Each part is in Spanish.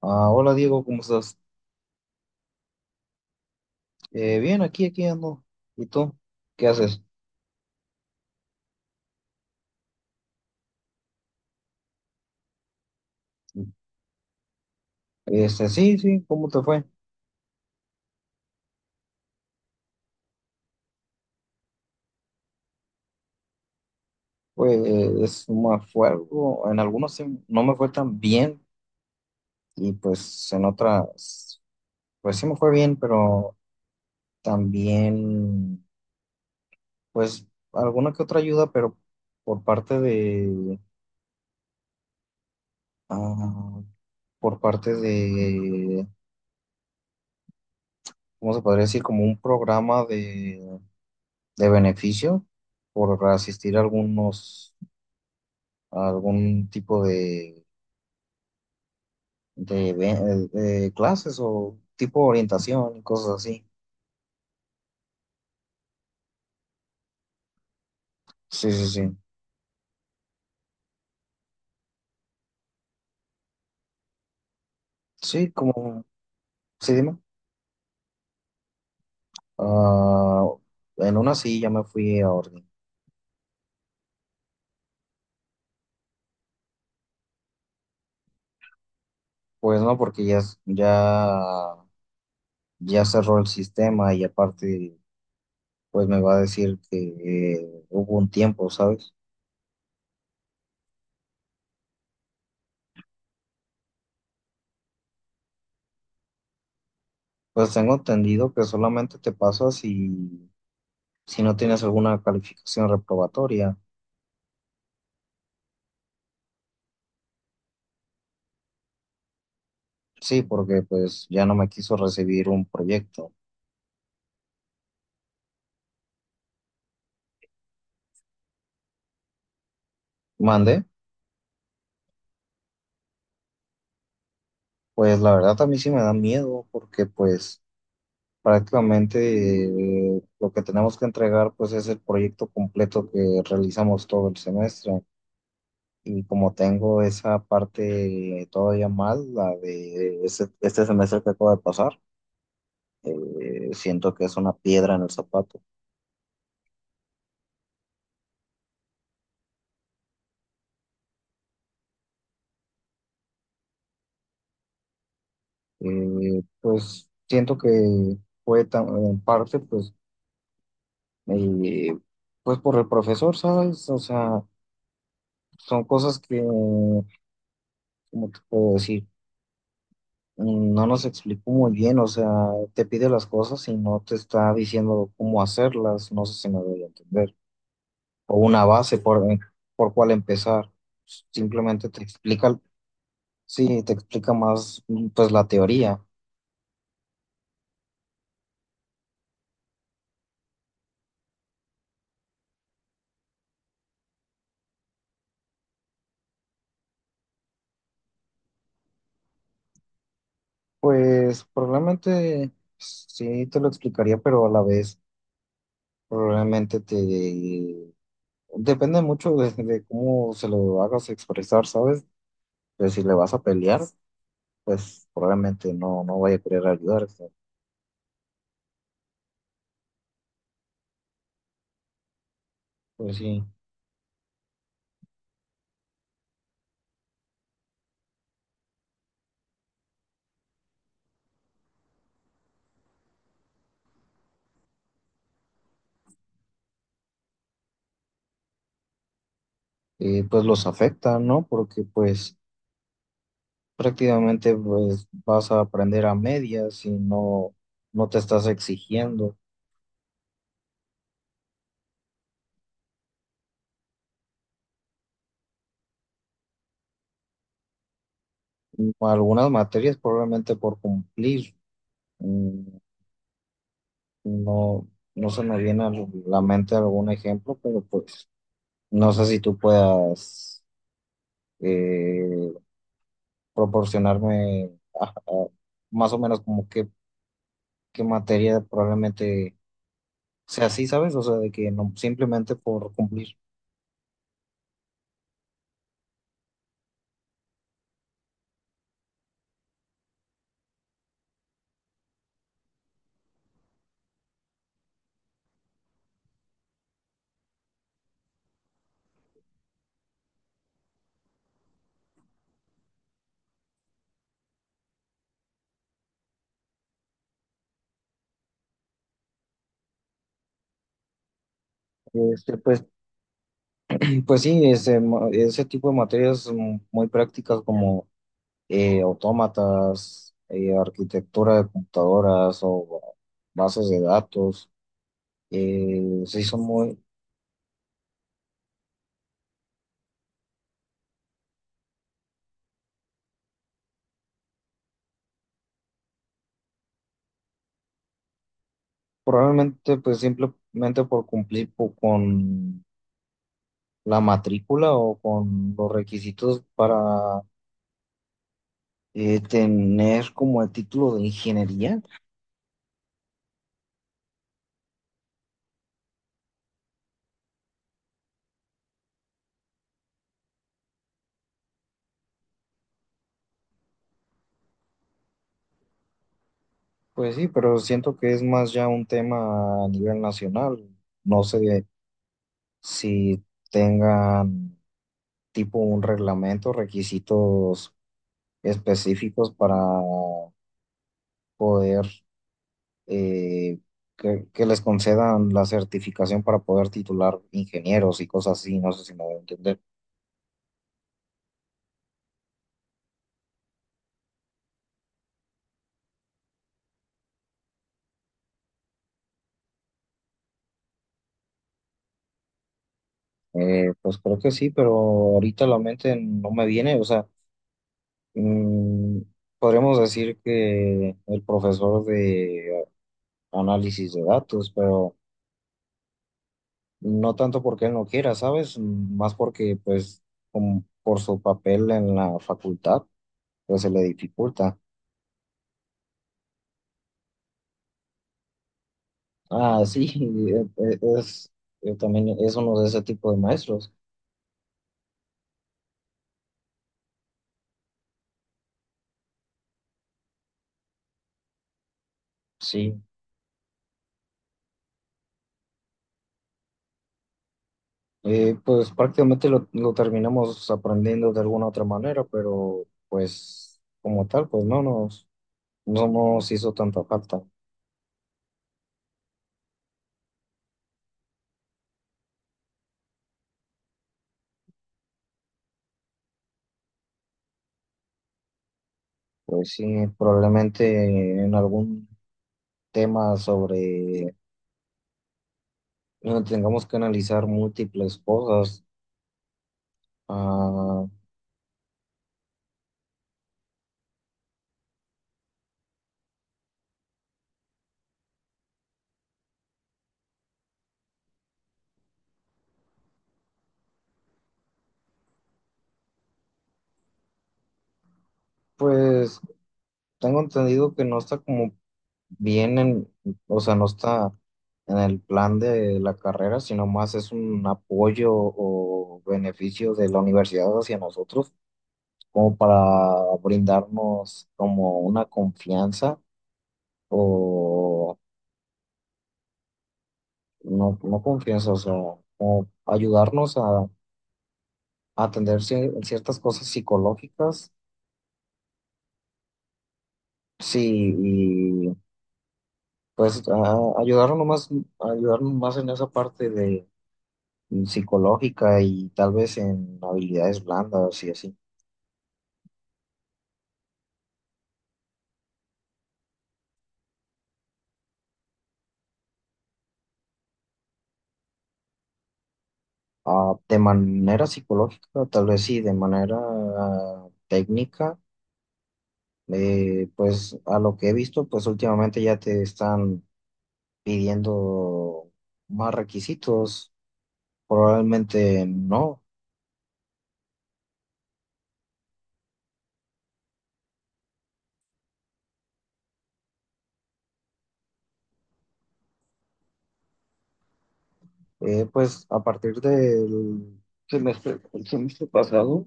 Ah, hola Diego, ¿cómo estás? Bien, aquí ando. ¿Y tú? ¿Qué haces? Sí, sí, ¿cómo te fue? Pues es me fue algo, en algunos sí no me fue tan bien y pues en otras, pues sí me fue bien, pero también, pues alguna que otra ayuda, pero por parte ah, por parte de, ¿cómo se podría decir? Como un programa de beneficio por asistir a algunos, algún tipo de, de clases o tipo de orientación y cosas así. Sí, sí, sí. Sí, como, sí, dime. Ah, en una sí ya me fui a orden. Pues no, porque ya, ya, ya cerró el sistema y aparte, pues me va a decir que hubo un tiempo, ¿sabes? Pues tengo entendido que solamente te pasa si no tienes alguna calificación reprobatoria. Sí, porque pues ya no me quiso recibir un proyecto. Mande, pues la verdad a mí sí me da miedo porque pues prácticamente, lo que tenemos que entregar pues es el proyecto completo que realizamos todo el semestre y como tengo esa parte todavía mal, la de este semestre que acaba de pasar, siento que es una piedra en el zapato. Pues siento que en parte pues, eh, pues por el profesor, ¿sabes? O sea, son cosas que ¿cómo te puedo decir? No nos explicó muy bien, o sea, te pide las cosas y no te está diciendo cómo hacerlas, no sé si me voy a entender, o una base por cuál empezar, simplemente te explica, sí, te explica más, pues, la teoría. Pues probablemente sí te lo explicaría, pero a la vez probablemente te depende mucho de cómo se lo hagas expresar, ¿sabes? De si le vas a pelear. Pues probablemente no, no vaya a querer ayudarse. Pues sí, y pues los afecta, ¿no? Porque pues prácticamente pues vas a aprender a medias no te estás exigiendo. Algunas materias probablemente por cumplir, mm, no, no se me viene a la mente algún ejemplo, pero pues no sé si tú puedas, eh, proporcionarme, ah, ah, más o menos como qué, qué materia probablemente. O sea, sí, ¿sabes? O sea, de que no, simplemente por cumplir. Pues, pues sí, ese, ese tipo de materias, muy prácticas como, autómatas, arquitectura de computadoras o bases de datos, sí son muy, probablemente pues simplemente por cumplir con la matrícula o con los requisitos para, tener como el título de ingeniería. Pues sí, pero siento que es más ya un tema a nivel nacional. No sé si tengan tipo un reglamento, requisitos específicos para poder, eh, que les concedan la certificación para poder titular ingenieros y cosas así. No sé si me voy a entender. Pues creo que sí, pero ahorita la mente no me viene. O sea, mm, podríamos decir que el profesor de análisis de datos, pero no tanto porque él no quiera, ¿sabes? Más porque, pues, como por su papel en la facultad, pues se le dificulta. Ah, sí, es, yo también es uno de ese tipo de maestros, sí. Pues prácticamente lo terminamos aprendiendo de alguna otra manera, pero pues como tal, pues no no nos hizo tanta falta. Pues sí, probablemente en algún tema sobre no tengamos que analizar múltiples cosas. Ah, pues tengo entendido que no está como bien en, o sea, no está en el plan de la carrera, sino más es un apoyo o beneficio de la universidad hacia nosotros, como para brindarnos como una confianza o no, no confianza, o sea, como ayudarnos a atender ciertas cosas psicológicas. Sí, pues ayudarnos nomás, ayudarnos más en esa parte de, psicológica y tal vez en habilidades blandas y así. Ah, de manera psicológica, tal vez sí, de manera, técnica, pues a lo que he visto, pues últimamente ya te están pidiendo más requisitos, probablemente no. Pues a partir del semestre pasado,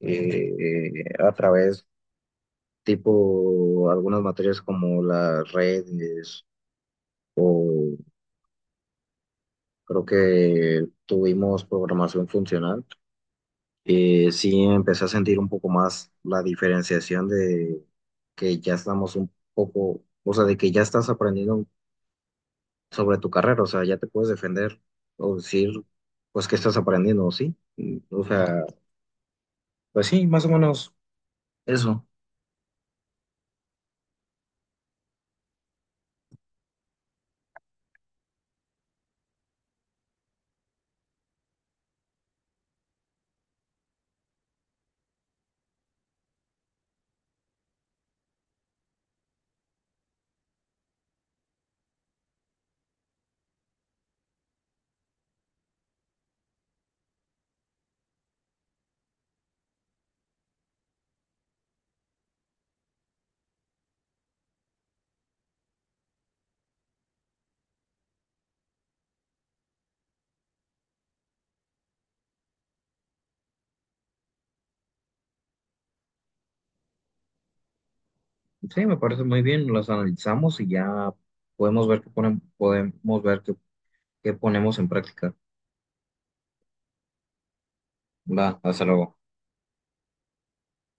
a través tipo algunas materias como las redes o creo que tuvimos programación funcional, sí empecé a sentir un poco más la diferenciación de que ya estamos un poco, o sea, de que ya estás aprendiendo sobre tu carrera, o sea, ya te puedes defender o decir, pues, que estás aprendiendo, ¿sí? O sea, pues sí, más o menos eso. Sí, me parece muy bien, las analizamos y ya podemos ver que ponen podemos ver que ponemos en práctica. Va, hasta luego.